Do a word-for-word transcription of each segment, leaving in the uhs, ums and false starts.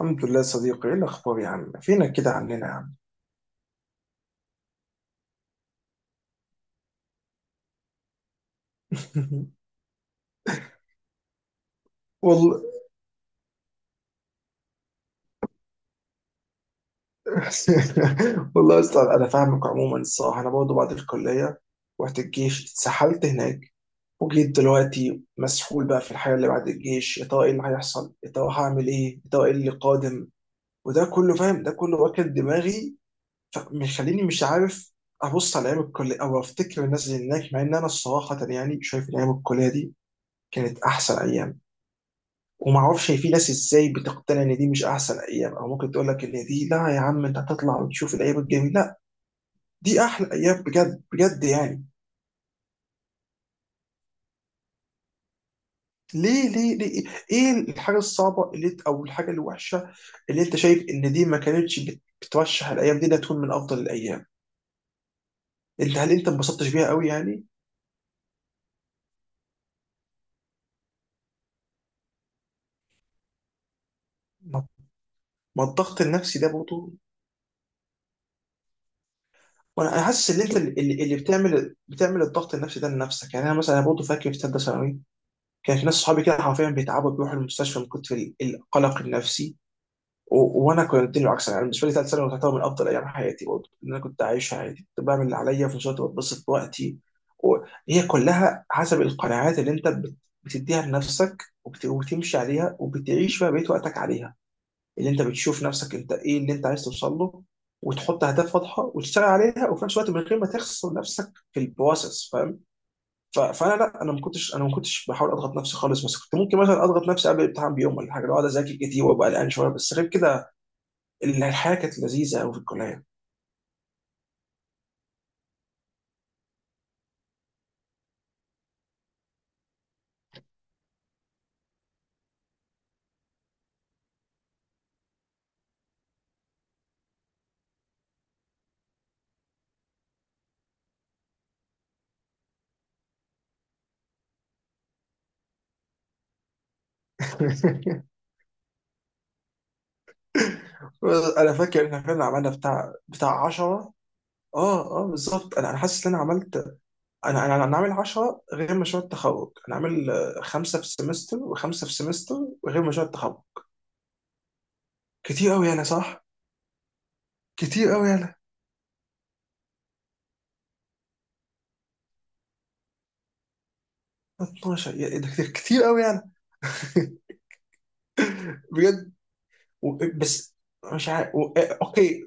الحمد لله يا صديقي، ايه الاخبار يا عم؟ فينك كده عننا يا عم؟ والله. والله اصلا انا فاهمك. عموما الصراحه انا برضه بعد الكليه رحت الجيش، اتسحلت هناك، وجيت دلوقتي مسحول بقى في الحياه اللي بعد الجيش. يا ترى ايه اللي هيحصل؟ يا ترى هعمل ايه؟ يا ترى ايه اللي قادم؟ وده كله فاهم، ده كله واكل دماغي، فمخليني مش عارف ابص على ايام الكليه او افتكر الناس اللي هناك. مع ان انا الصراحه يعني شايف ان ايام الكليه دي كانت احسن ايام. وما اعرفش هي في ناس ازاي بتقتنع ان دي مش احسن ايام، او ممكن تقول لك ان دي لا يا عم، انت هتطلع وتشوف الايام الجميله. لا، دي احلى ايام بجد بجد يعني. ليه ليه ليه؟ ايه الحاجه الصعبه اللي انت، او الحاجه الوحشه اللي انت شايف ان دي ما كانتش بت- بترشح الايام دي انها تكون من افضل الايام؟ انت هل انت انبسطتش بيها قوي يعني؟ ما ما الضغط النفسي ده برضه، وانا أنا حاسس ان انت اللي, اللي اللي بتعمل بتعمل الضغط النفسي ده لنفسك يعني. انا مثلا انا برضه فاكر في ثالثه ثانوي كان في ناس صحابي كده حرفيا بيتعبوا، بيروحوا المستشفى من كتر ال- القلق النفسي، و... وانا كنت العكس. انا بالنسبه لي ثالث ثانوي تعتبر من افضل ايام حياتي برضه، ان انا كنت عايش حياتي، كنت بعمل اللي عليا وفي نفس الوقت بتبسط بوقتي. وهي كلها حسب القناعات اللي انت بت... بتديها لنفسك وبت... وبتمشي عليها، وبتعيش بقى بقيت وقتك عليها، اللي انت بتشوف نفسك انت ايه اللي انت عايز توصل له، وتحط اهداف واضحه وتشتغل عليها، وفي نفس الوقت من غير ما تخسر نفسك في البروسس، فاهم؟ ف- فانا لا، انا ما كنتش، انا ما كنتش بحاول اضغط نفسي خالص، بس كنت ممكن مثلا اضغط نفسي قبل الامتحان بيوم ولا حاجه، لو اقعد اذاكر كتير وابقى قلقان شويه، بس غير كده ال- الحياه كانت لذيذه قوي في الكليه. انا فاكر ان احنا فعلا عملنا بتاع بتاع عشرة. اه اه بالظبط، انا انا حاسس ان انا عملت، انا انا انا عامل عشرة غير مشروع التخرج. انا عامل آه، خمسه في السمستر وخمسه في السمستر وغير مشروع التخرج. كتير قوي انا، صح؟ كتير قوي انا، اتناشر، يا- إيه ده! كتير قوي انا. بجد. و- بس مش عارف. و- اوكي،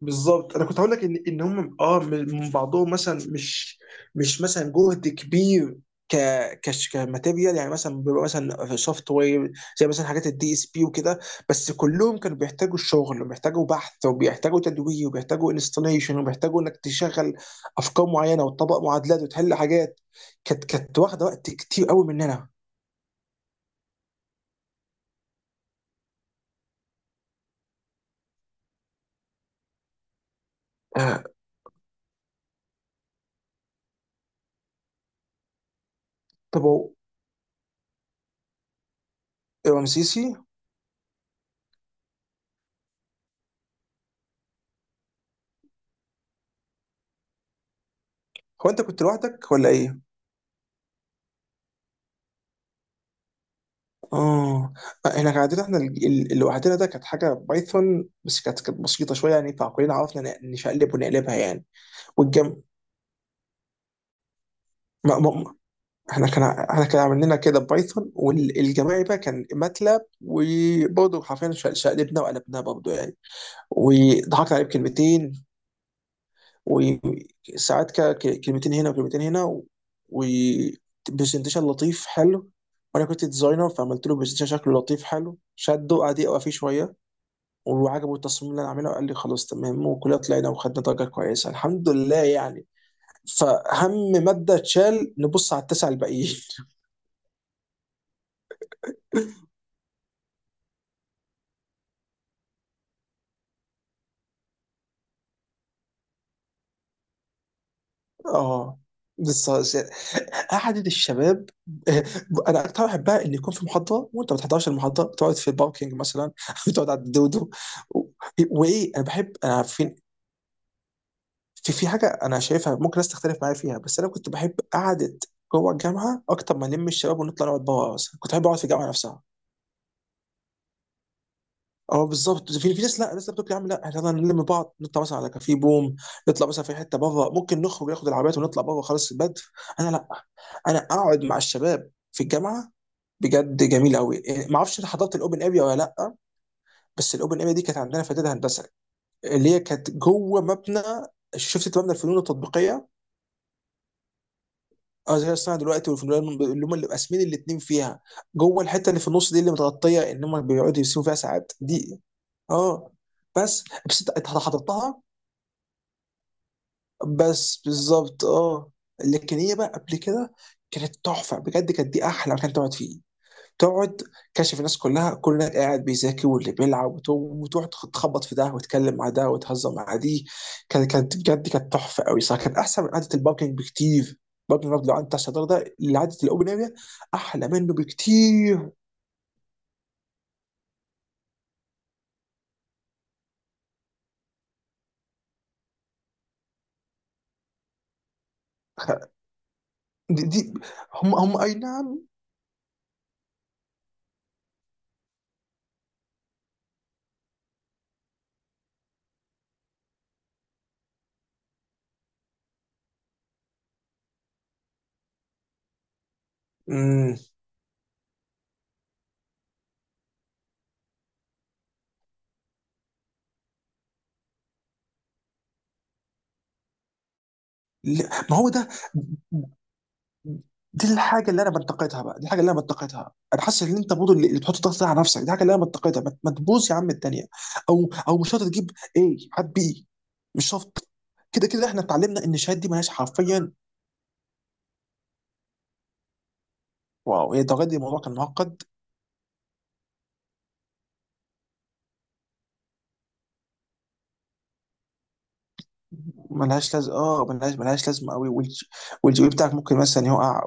بالظبط انا كنت هقول لك ان ان هم اه من من بعضهم مثلا مش، مش مثلا جهد كبير، ك كش كماتيريال يعني، مثلا بيبقى مثلا سوفت وير زي مثلا حاجات الدي اس بي وكده، بس كلهم كانوا بيحتاجوا الشغل وبيحتاجوا بحث وبيحتاجوا تدوير وبيحتاجوا انستليشن وبيحتاجوا انك تشغل افكار معينه وتطبق معادلات وتحل حاجات. كانت كانت واخده وقت كتير قوي مننا. آه، طب هو رمسيسي، هو انت كنت لوحدك ولا ايه؟ اه آه، احنا كان عندنا احنا، ال- ال- اللي وحدنا ده كانت حاجه بايثون، بس كانت كانت بسيطه شويه يعني، فكلنا عرفنا ن- نشقلب ونقلبها يعني. والجم ما ما ما- احنا كان ع- احنا كان عاملين لنا كده بايثون، والجماعي بقى كان ماتلاب، وبرضه حرفيا ش- شقلبنا وقلبناها برضه يعني، وضحكنا عليه بكلمتين وساعات كده ك- كلمتين هنا وكلمتين هنا وبرزنتيشن لطيف حلو، وانا كنت ديزاينر فعملت له برزنتيشن شكله لطيف حلو، شده قعد يقرا فيه شويه وعجبه التصميم اللي انا عامله، قال لي خلاص تمام، وكلنا طلعنا وخدنا درجه كويسه الحمد لله يعني. فهم ماده اتشال نبص على التسعه الباقيين. اه بس قعدة الشباب. انا اكتر واحد بحبها، ان يكون في محاضره وانت ما بتحضرش المحاضره، بتقعد في الباركينج مثلا، بتقعد على الدودو. و- وايه، انا بحب، انا عارفين، في في حاجه انا شايفها ممكن ناس تختلف معايا فيها، بس انا كنت بحب قعده جوه الجامعه اكتر ما نلم الشباب ونطلع نقعد بره مثلا، كنت بحب اقعد في الجامعه نفسها. اه بالظبط، في في ناس لا، ناس بتقول يا عم لا احنا يلا نلم بعض نطلع مثلا على كافيه بوم، نطلع مثلا في حته بره، ممكن نخرج ناخد العربيات ونطلع بره خلاص البدر. انا لا، انا اقعد مع الشباب في الجامعه بجد جميل قوي. ما اعرفش انت حضرت الاوبن اريا ولا لا، بس الاوبن اريا دي كانت عندنا في اعداد هندسه، اللي هي كانت جوه مبنى، شفت مبنى الفنون التطبيقيه؟ اه زي الصناعه دلوقتي، وفي الريال اللي هم اللي قاسمين الاثنين فيها، جوه الحته اللي في النص دي اللي متغطيه، ان هم بيقعدوا يرسموا فيها ساعات دي. اه بس، بس انت، أنت حضرتها؟ بس بالظبط اه. لكن هي بقى قبل كده كانت تحفه بجد، كانت دي احلى مكان تقعد فيه، تقعد كشف الناس كلها، كل ده قاعد بيذاكر واللي بيلعب، وت- وتروح تخ- تخبط في ده وتتكلم مع ده وتهزر مع دي. كانت كانت بجد، كانت تحفه قوي، صح كانت احسن من قعده الباركينج بكتير. الباركينج لو قعدت على الشطار ده، اللي قعده الاوبن اريا احلى منه بكتير. خ- دي, دي هم هم اي نعم. مم. لا، ما هو ده دي الحاجه اللي انا بنتقدها بقى، دي الحاجه اللي انا بنتقدها، انا حاسس ان انت برضه اللي اللي بتحط ضغط ده على نفسك، دي الحاجه اللي انا بنتقدها. ما ما تبوظ يا عم الدنيا، او او مش شرط تجيب ايه هات بي، مش شرط. كده كده احنا اتعلمنا ان الشهادات دي ملهاش حرفيا. واو هي درجة دي، الموضوع كان معقد. ملهاش لازمه اه، ملهاش ملهاش لازمه قوي. والجي والجي بي إيه بتاعك ممكن مثلا يقع.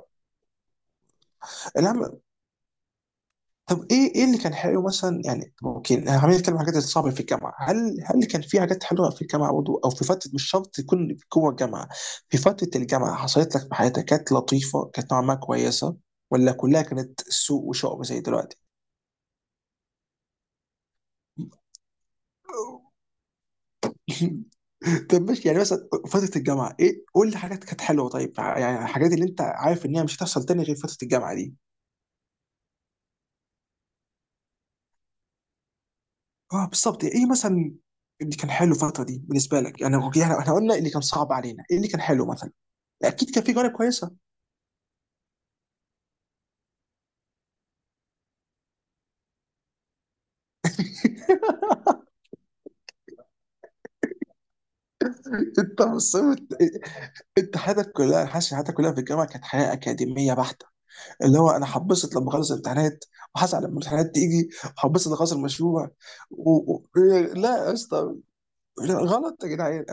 الهم. طب ايه، ايه اللي كان حلو مثلا يعني؟ ممكن خلينا نتكلم عن الحاجات الصعبه في الجامعه، هل، هل كان في حاجات حلوه في الجامعه برضه؟ او في فتره، مش شرط تكون جوه الجامعه، في فتره الجامعه حصلت لك في حياتك كانت لطيفه، كانت نوعا ما كويسه، ولا كلها كانت سوء وشعب زي دلوقتي؟ طب ماشي، يعني مثلا فتره الجامعه، ايه، قول لي حاجات كانت حلوه طيب، يعني الحاجات اللي انت عارف ان هي مش هتحصل تاني غير فتره الجامعه دي. اه بالظبط ايه مثلا اللي كان حلو الفتره دي بالنسبه لك يعني؟ يعني احنا قلنا اللي كان صعب علينا، ايه اللي كان حلو مثلا؟ اكيد كان في جوانب كويسه. انت مصمم، انت حياتك كلها، أنا حاسس إن حياتك كلها في الجامعه كانت حياه اكاديميه بحته، اللي هو انا هبسط لما اخلص الامتحانات، وهزعل لما الامتحانات تيجي، وهبسط لما اخلص المشروع، و... و... لا يا اسطى، لا، غلط يا جدعان.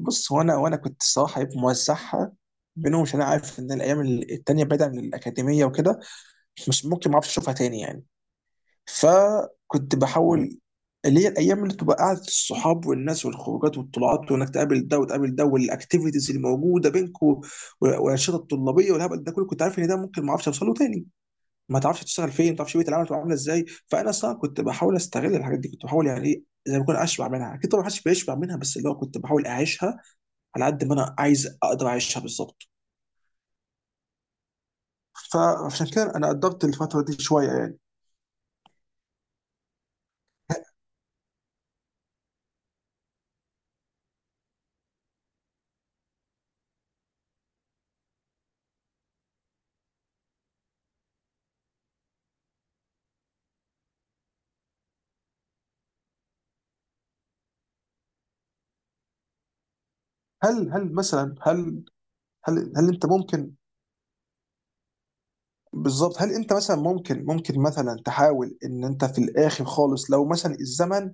بص هو انا، وانا كنت الصراحه إيه، موزعها بينهم، عشان انا عارف ان الايام التانيه بعيدا عن الاكاديميه وكده مش ممكن ما اعرفش اشوفها تاني يعني، فكنت بحاول، اللي هي الايام اللي تبقى قعده الصحاب والناس والخروجات والطلعات وانك تقابل ده وتقابل ده والاكتيفيتيز الموجوده بينكم والانشطه الطلابيه والهبل ده كله، كنت عارف ان ده ممكن ما اعرفش اوصل له تاني، ما تعرفش تشتغل فين، ما تعرفش بيئه العمل تبقى عامله ازاي، فانا صراحه كنت بحاول استغل الحاجات دي، كنت بحاول يعني ايه، زي ما اكون اشبع منها، اكيد طبعا محدش بيشبع منها، بس اللي هو كنت بحاول اعيشها على قد ما انا عايز، اقدر اعيشها بالظبط، فعشان كده انا قدرت الفتره دي شويه يعني. هل هل مثلا هل هل هل انت ممكن، بالظبط، هل انت مثلا ممكن، ممكن مثلا تحاول ان انت في الاخر خالص، لو مثلا الزمن،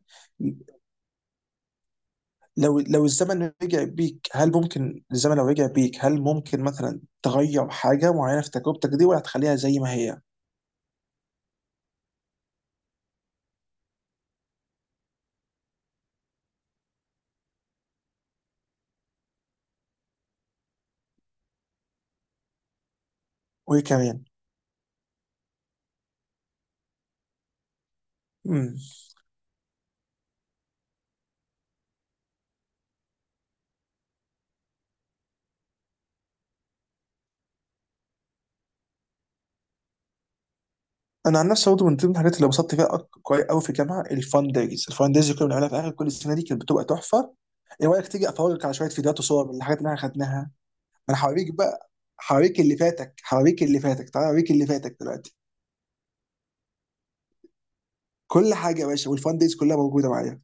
لو لو الزمن رجع بيك هل ممكن الزمن لو رجع بيك هل ممكن مثلا تغير حاجه معينه في تجربتك دي، ولا هتخليها زي ما هي؟ وايه كمان؟ امم انا عن نفسي برضه من ضمن الحاجات اللي انبسطت فيها أك- كويس قوي في الجامعه، الفان دايز، الفان دايز اللي كنا بنعملها في اخر كل السنه دي كانت بتبقى تحفه. ايه رايك تيجي افرجك على شويه فيديوهات وصور من الحاجات اللي احنا خدناها؟ انا هوريك بقى، هوريك اللي فاتك، هوريك اللي فاتك، تعالى اوريك اللي فاتك دلوقتي، كل حاجه يا باشا، والفان دايز كلها موجوده معايا.